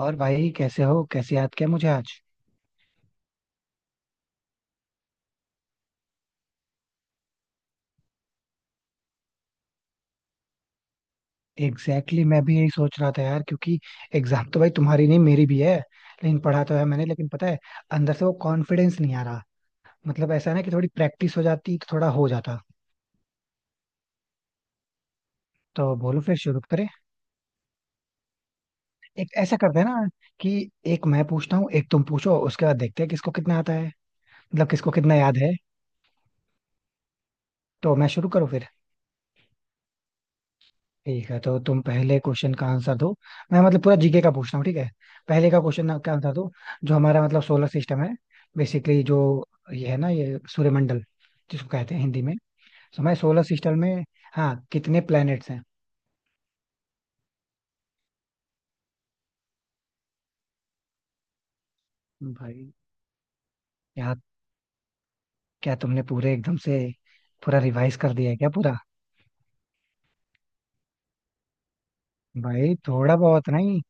और भाई कैसे हो, कैसे याद किया मुझे आज। एग्जैक्टली, मैं भी यही सोच रहा था यार, क्योंकि एग्जाम तो भाई तुम्हारी नहीं, मेरी भी है। लेकिन पढ़ा तो है मैंने, लेकिन पता है, अंदर से वो कॉन्फिडेंस नहीं आ रहा। मतलब ऐसा ना कि थोड़ी प्रैक्टिस हो जाती तो थोड़ा हो जाता। तो बोलो फिर शुरू करें। एक ऐसा करते हैं ना कि एक मैं पूछता हूँ, एक तुम पूछो, उसके बाद देखते हैं किसको कितना आता है, मतलब किसको कितना याद है। तो मैं शुरू करूँ फिर। ठीक है, तो तुम पहले क्वेश्चन का आंसर दो। मैं मतलब पूरा जीके का पूछ रहा हूँ, ठीक है। पहले का क्वेश्चन का आंसर दो। जो हमारा मतलब सोलर सिस्टम है, बेसिकली जो ये है ना, ये सूर्यमंडल जिसको कहते हैं हिंदी में। तो मैं सोलर सिस्टम में, हाँ कितने प्लैनेट्स हैं। भाई क्या, क्या तुमने पूरे एकदम से पूरा रिवाइज कर दिया है क्या, पूरा? भाई थोड़ा बहुत नहीं,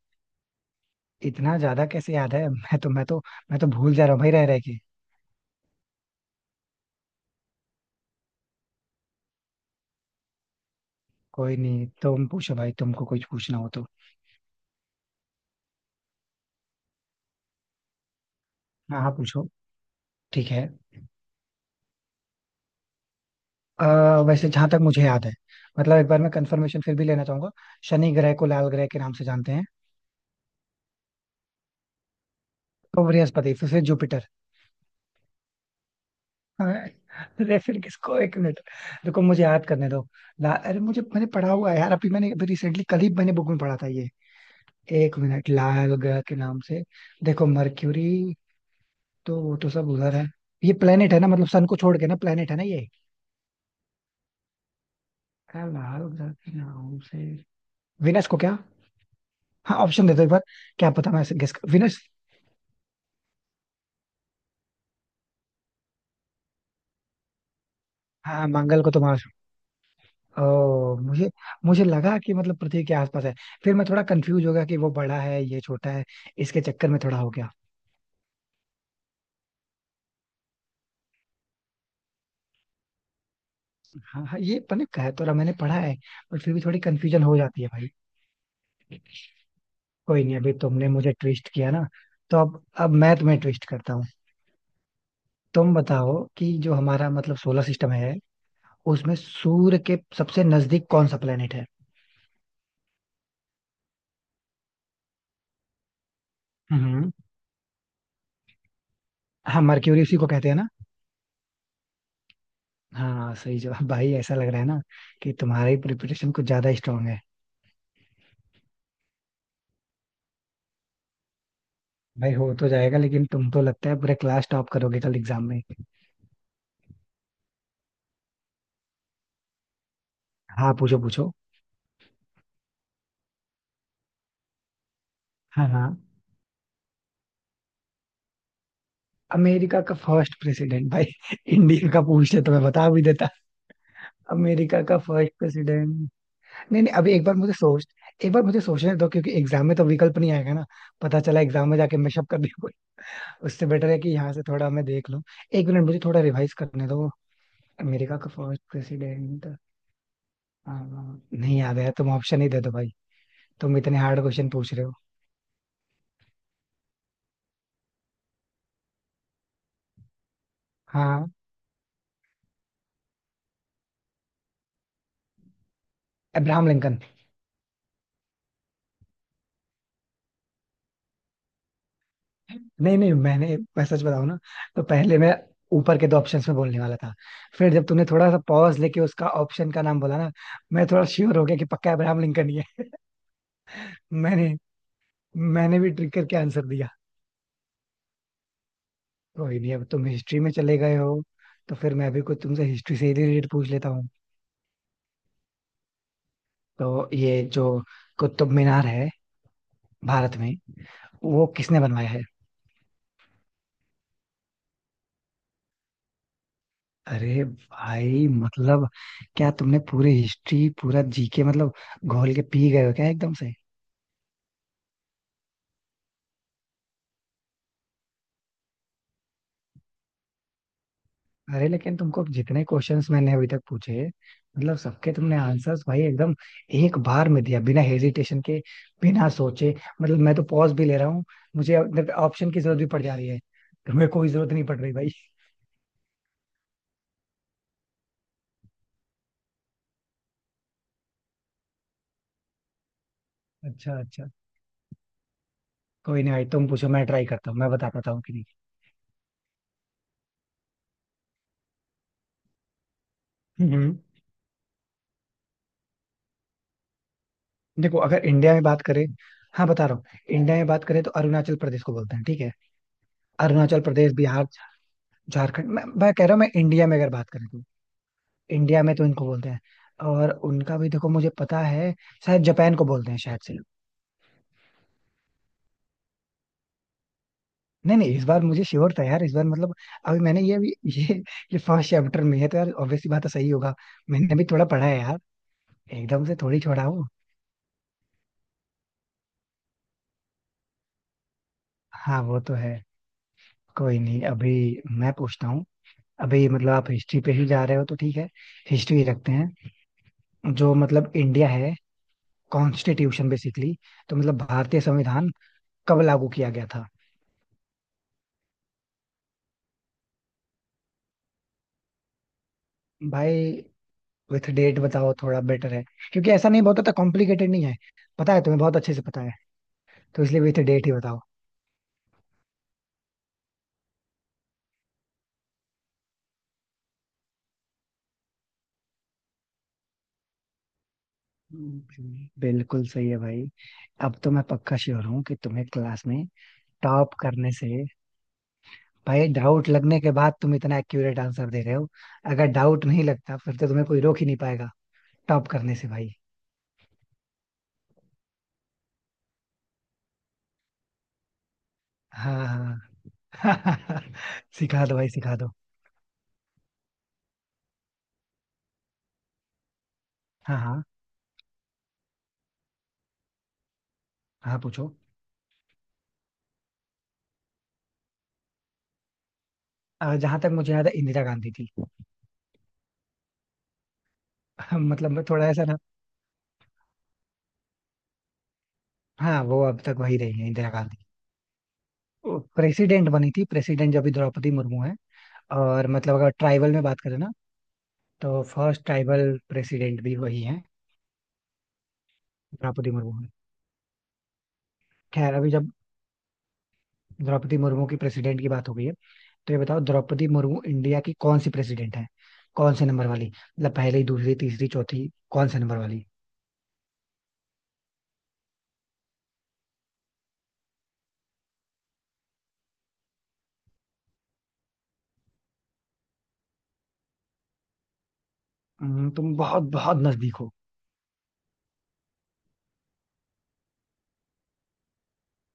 इतना ज्यादा कैसे याद है? मैं तो भूल जा रहा हूँ भाई रह रह के। कोई नहीं, तुम पूछो भाई, तुमको कुछ पूछना हो तो। हाँ हाँ पूछो। ठीक है। अ, वैसे जहां तक मुझे याद है, मतलब एक बार मैं कंफर्मेशन फिर भी लेना चाहूंगा। शनि ग्रह को लाल ग्रह के नाम से जानते हैं? तो बृहस्पति, फिर से जुपिटर? हाँ, अरे फिर किसको, एक मिनट। देखो मुझे याद करने दो। ला अरे मुझे, मैंने पढ़ा हुआ है यार, अभी मैंने अभी रिसेंटली कल ही मैंने बुक में पढ़ा था ये। एक मिनट, लाल ग्रह के नाम से। देखो मर्क्यूरी, तो वो तो सब उधर है। ये प्लेनेट है ना, मतलब सन को छोड़ के ना, प्लेनेट है ना ये। क्या लाल ग्रह के नाम से विनस को? क्या, हाँ ऑप्शन दे दो एक बार। क्या पता मैं गेस कर, विनस? हाँ मंगल को तो, ओ मुझे, मुझे लगा कि मतलब पृथ्वी के आसपास है। फिर मैं थोड़ा कंफ्यूज हो गया कि वो बड़ा है ये छोटा है। इसके चक्कर में थोड़ा हो गया। हाँ हाँ ये पता, कह तो रहा मैंने पढ़ा है। बट फिर भी थोड़ी कंफ्यूजन हो जाती है भाई। कोई नहीं, अभी तुमने मुझे ट्विस्ट किया ना, तो अब मैं तुम्हें ट्विस्ट करता हूँ। तुम बताओ कि जो हमारा मतलब सोलर सिस्टम है, उसमें सूर्य के सबसे नजदीक कौन सा प्लेनेट है? हम्म। हाँ मरक्यूरी उसी को कहते हैं ना। हाँ सही जवाब भाई, ऐसा लग रहा है ना कि तुम्हारी प्रिपरेशन कुछ ज्यादा स्ट्रांग है। भाई हो तो जाएगा, लेकिन तुम तो लगता है पूरे क्लास टॉप करोगे कल एग्जाम में। हाँ पूछो पूछो। हाँ हाँ। अमेरिका का फर्स्ट प्रेसिडेंट भाई? इंडिया का पूछते तो मैं बता भी देता। अमेरिका का फर्स्ट प्रेसिडेंट, नहीं नहीं अभी एक बार मुझे सोच, एक बार मुझे सोचने दो, क्योंकि एग्जाम में तो विकल्प नहीं आएगा ना। पता चला एग्जाम में जाके मैशअप कर दिया। कोई, उससे बेटर है कि यहाँ से थोड़ा मैं देख लूँ। एक मिनट मुझे थोड़ा रिवाइज करने दो। अमेरिका का फर्स्ट प्रेसिडेंट नहीं याद है, तुम ऑप्शन ही दे दो भाई, तुम इतने हार्ड क्वेश्चन पूछ रहे हो। हाँ। Abraham Lincoln. नहीं नहीं, मैंने, मैं सच बताऊं ना, तो पहले मैं ऊपर के दो ऑप्शंस में बोलने वाला था। फिर जब तूने थोड़ा सा पॉज लेके उसका ऑप्शन का नाम बोला ना, मैं थोड़ा श्योर हो गया कि पक्का अब्राहम लिंकन ही है। मैंने मैंने भी ट्रिक करके आंसर दिया। कोई नहीं, अब तुम हिस्ट्री में चले गए हो, तो फिर मैं भी कुछ तुमसे हिस्ट्री से रिलेटेड पूछ लेता हूँ। तो ये जो कुतुब मीनार है भारत में, वो किसने बनवाया है? अरे भाई मतलब, क्या तुमने पूरी हिस्ट्री पूरा जीके मतलब घोल के पी गए हो क्या एकदम से? अरे लेकिन तुमको जितने क्वेश्चंस मैंने अभी तक पूछे, मतलब सबके तुमने आंसर्स भाई एकदम एक बार में दिया, बिना हेजिटेशन के, बिना सोचे। मतलब मैं तो पॉज भी ले रहा हूँ, मुझे ऑप्शन की जरूरत भी पड़ जा रही है, तुम्हें कोई जरूरत नहीं पड़ रही भाई। अच्छा अच्छा। कोई नहीं भाई, तुम पूछो, मैं ट्राई करता हूँ मैं बता पाता हूँ कि नहीं। हम्म। देखो अगर इंडिया में बात करें, हाँ बता रहा हूँ, इंडिया में बात करें तो अरुणाचल प्रदेश को बोलते हैं, ठीक है। अरुणाचल प्रदेश, बिहार, झारखंड, मैं कह रहा हूँ, मैं इंडिया में अगर बात करें तो इंडिया में तो इनको बोलते हैं। और उनका भी देखो मुझे पता है, शायद जापान को बोलते हैं शायद से। नहीं नहीं, इस बार मुझे श्योर था यार, इस बार मतलब अभी मैंने ये अभी ये ये फर्स्ट चैप्टर में है तो यार ऑब्वियसली बात है सही होगा। मैंने भी थोड़ा पढ़ा है यार, एकदम से थोड़ी छोड़ा हूँ। हाँ वो तो है। कोई नहीं, अभी मैं पूछता हूँ। अभी मतलब आप हिस्ट्री पे ही जा रहे हो तो ठीक है, हिस्ट्री ही रखते हैं। जो मतलब इंडिया है, कॉन्स्टिट्यूशन, बेसिकली तो मतलब भारतीय संविधान कब लागू किया गया था? भाई विथ डेट बताओ, थोड़ा बेटर है, क्योंकि ऐसा नहीं बहुत कॉम्प्लिकेटेड नहीं है, पता है तुम्हें बहुत अच्छे से पता है, तो इसलिए विथ डेट ही बताओ। बिल्कुल सही है भाई। अब तो मैं पक्का श्योर हूँ कि तुम्हें क्लास में टॉप करने से भाई, डाउट लगने के बाद तुम इतना एक्यूरेट आंसर दे रहे हो, अगर डाउट नहीं लगता फिर तो तुम्हें कोई रोक ही नहीं पाएगा टॉप करने से भाई। हाँ। हाँ, सिखा दो भाई सिखा दो। हाँ हाँ। हाँ पूछो। जहां तक मुझे याद है इंदिरा गांधी थी। मतलब मैं थोड़ा ऐसा ना, हाँ वो अब तक वही रही है इंदिरा गांधी। प्रेसिडेंट बनी थी, प्रेसिडेंट जो अभी द्रौपदी मुर्मू है, और मतलब अगर ट्राइबल में बात करें ना तो फर्स्ट ट्राइबल प्रेसिडेंट भी वही है, द्रौपदी मुर्मू है। खैर, अभी जब द्रौपदी मुर्मू की प्रेसिडेंट की बात हो गई है, तो ये बताओ द्रौपदी मुर्मू इंडिया की कौन सी प्रेसिडेंट है, कौन से नंबर वाली, मतलब पहली, दूसरी, तीसरी, चौथी, कौन से नंबर वाली? तुम बहुत बहुत नजदीक हो।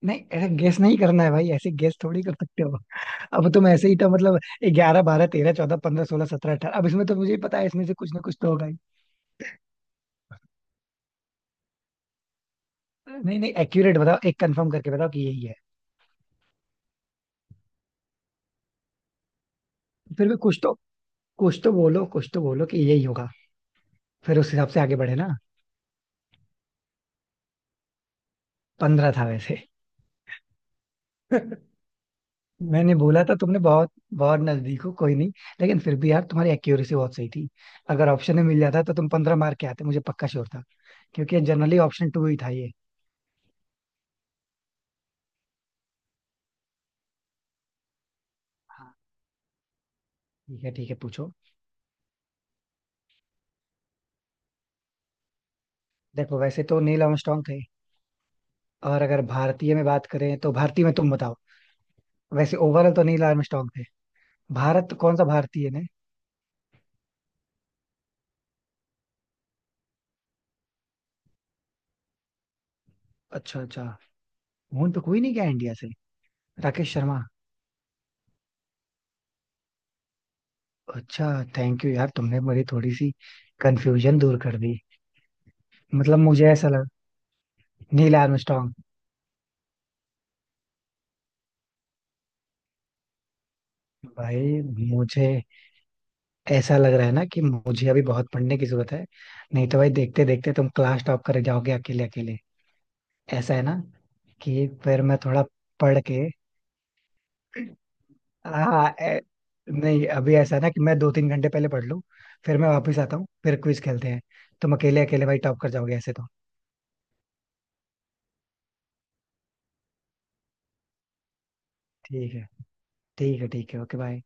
नहीं ऐसे गेस नहीं करना है भाई, ऐसे गेस थोड़ी कर सकते हो। अब तुम ऐसे ही तो मतलब ग्यारह, बारह, तेरह, चौदह, पंद्रह, सोलह, सत्रह, अठारह, अब इसमें तो मुझे ही पता है इसमें से कुछ ना कुछ तो होगा। नहीं नहीं एक्यूरेट बताओ, एक कंफर्म करके बताओ कि यही है। फिर भी कुछ तो, कुछ तो बोलो कि यही होगा, फिर उस हिसाब से आगे बढ़े ना। पंद्रह था वैसे। मैंने बोला था तुमने बहुत बहुत नजदीक हो, कोई नहीं, लेकिन फिर भी यार तुम्हारी एक्यूरेसी बहुत सही थी। अगर ऑप्शन में मिल जाता तो तुम पंद्रह मार्क के आते, मुझे पक्का श्योर था, क्योंकि जनरली ऑप्शन टू ही था ये। हाँ, ठीक है पूछो। देखो वैसे तो नील आर्मस्ट्रांग थे, और अगर भारतीय में बात करें तो भारतीय में तुम बताओ। वैसे ओवरऑल तो नील आर्मस्ट्रांग थे। भारत, कौन सा भारतीय ने? अच्छा अच्छा। फोन पे कोई नहीं गया इंडिया से? राकेश शर्मा। अच्छा, थैंक यू यार, तुमने मेरी थोड़ी सी कंफ्यूजन दूर कर दी। मतलब मुझे ऐसा लग, नील आर्मस्ट्रांग। भाई मुझे ऐसा लग रहा है ना कि मुझे अभी बहुत पढ़ने की जरूरत है, नहीं तो भाई देखते देखते तुम क्लास टॉप कर जाओगे अकेले अकेले, ऐसा है ना, कि फिर मैं थोड़ा पढ़ के। हाँ नहीं, अभी ऐसा है ना कि मैं 2 3 घंटे पहले पढ़ लूँ, फिर मैं वापस आता हूँ फिर क्विज खेलते हैं। तुम अकेले अकेले भाई टॉप कर जाओगे ऐसे तो। ठीक है, ठीक है ठीक है, ओके बाय।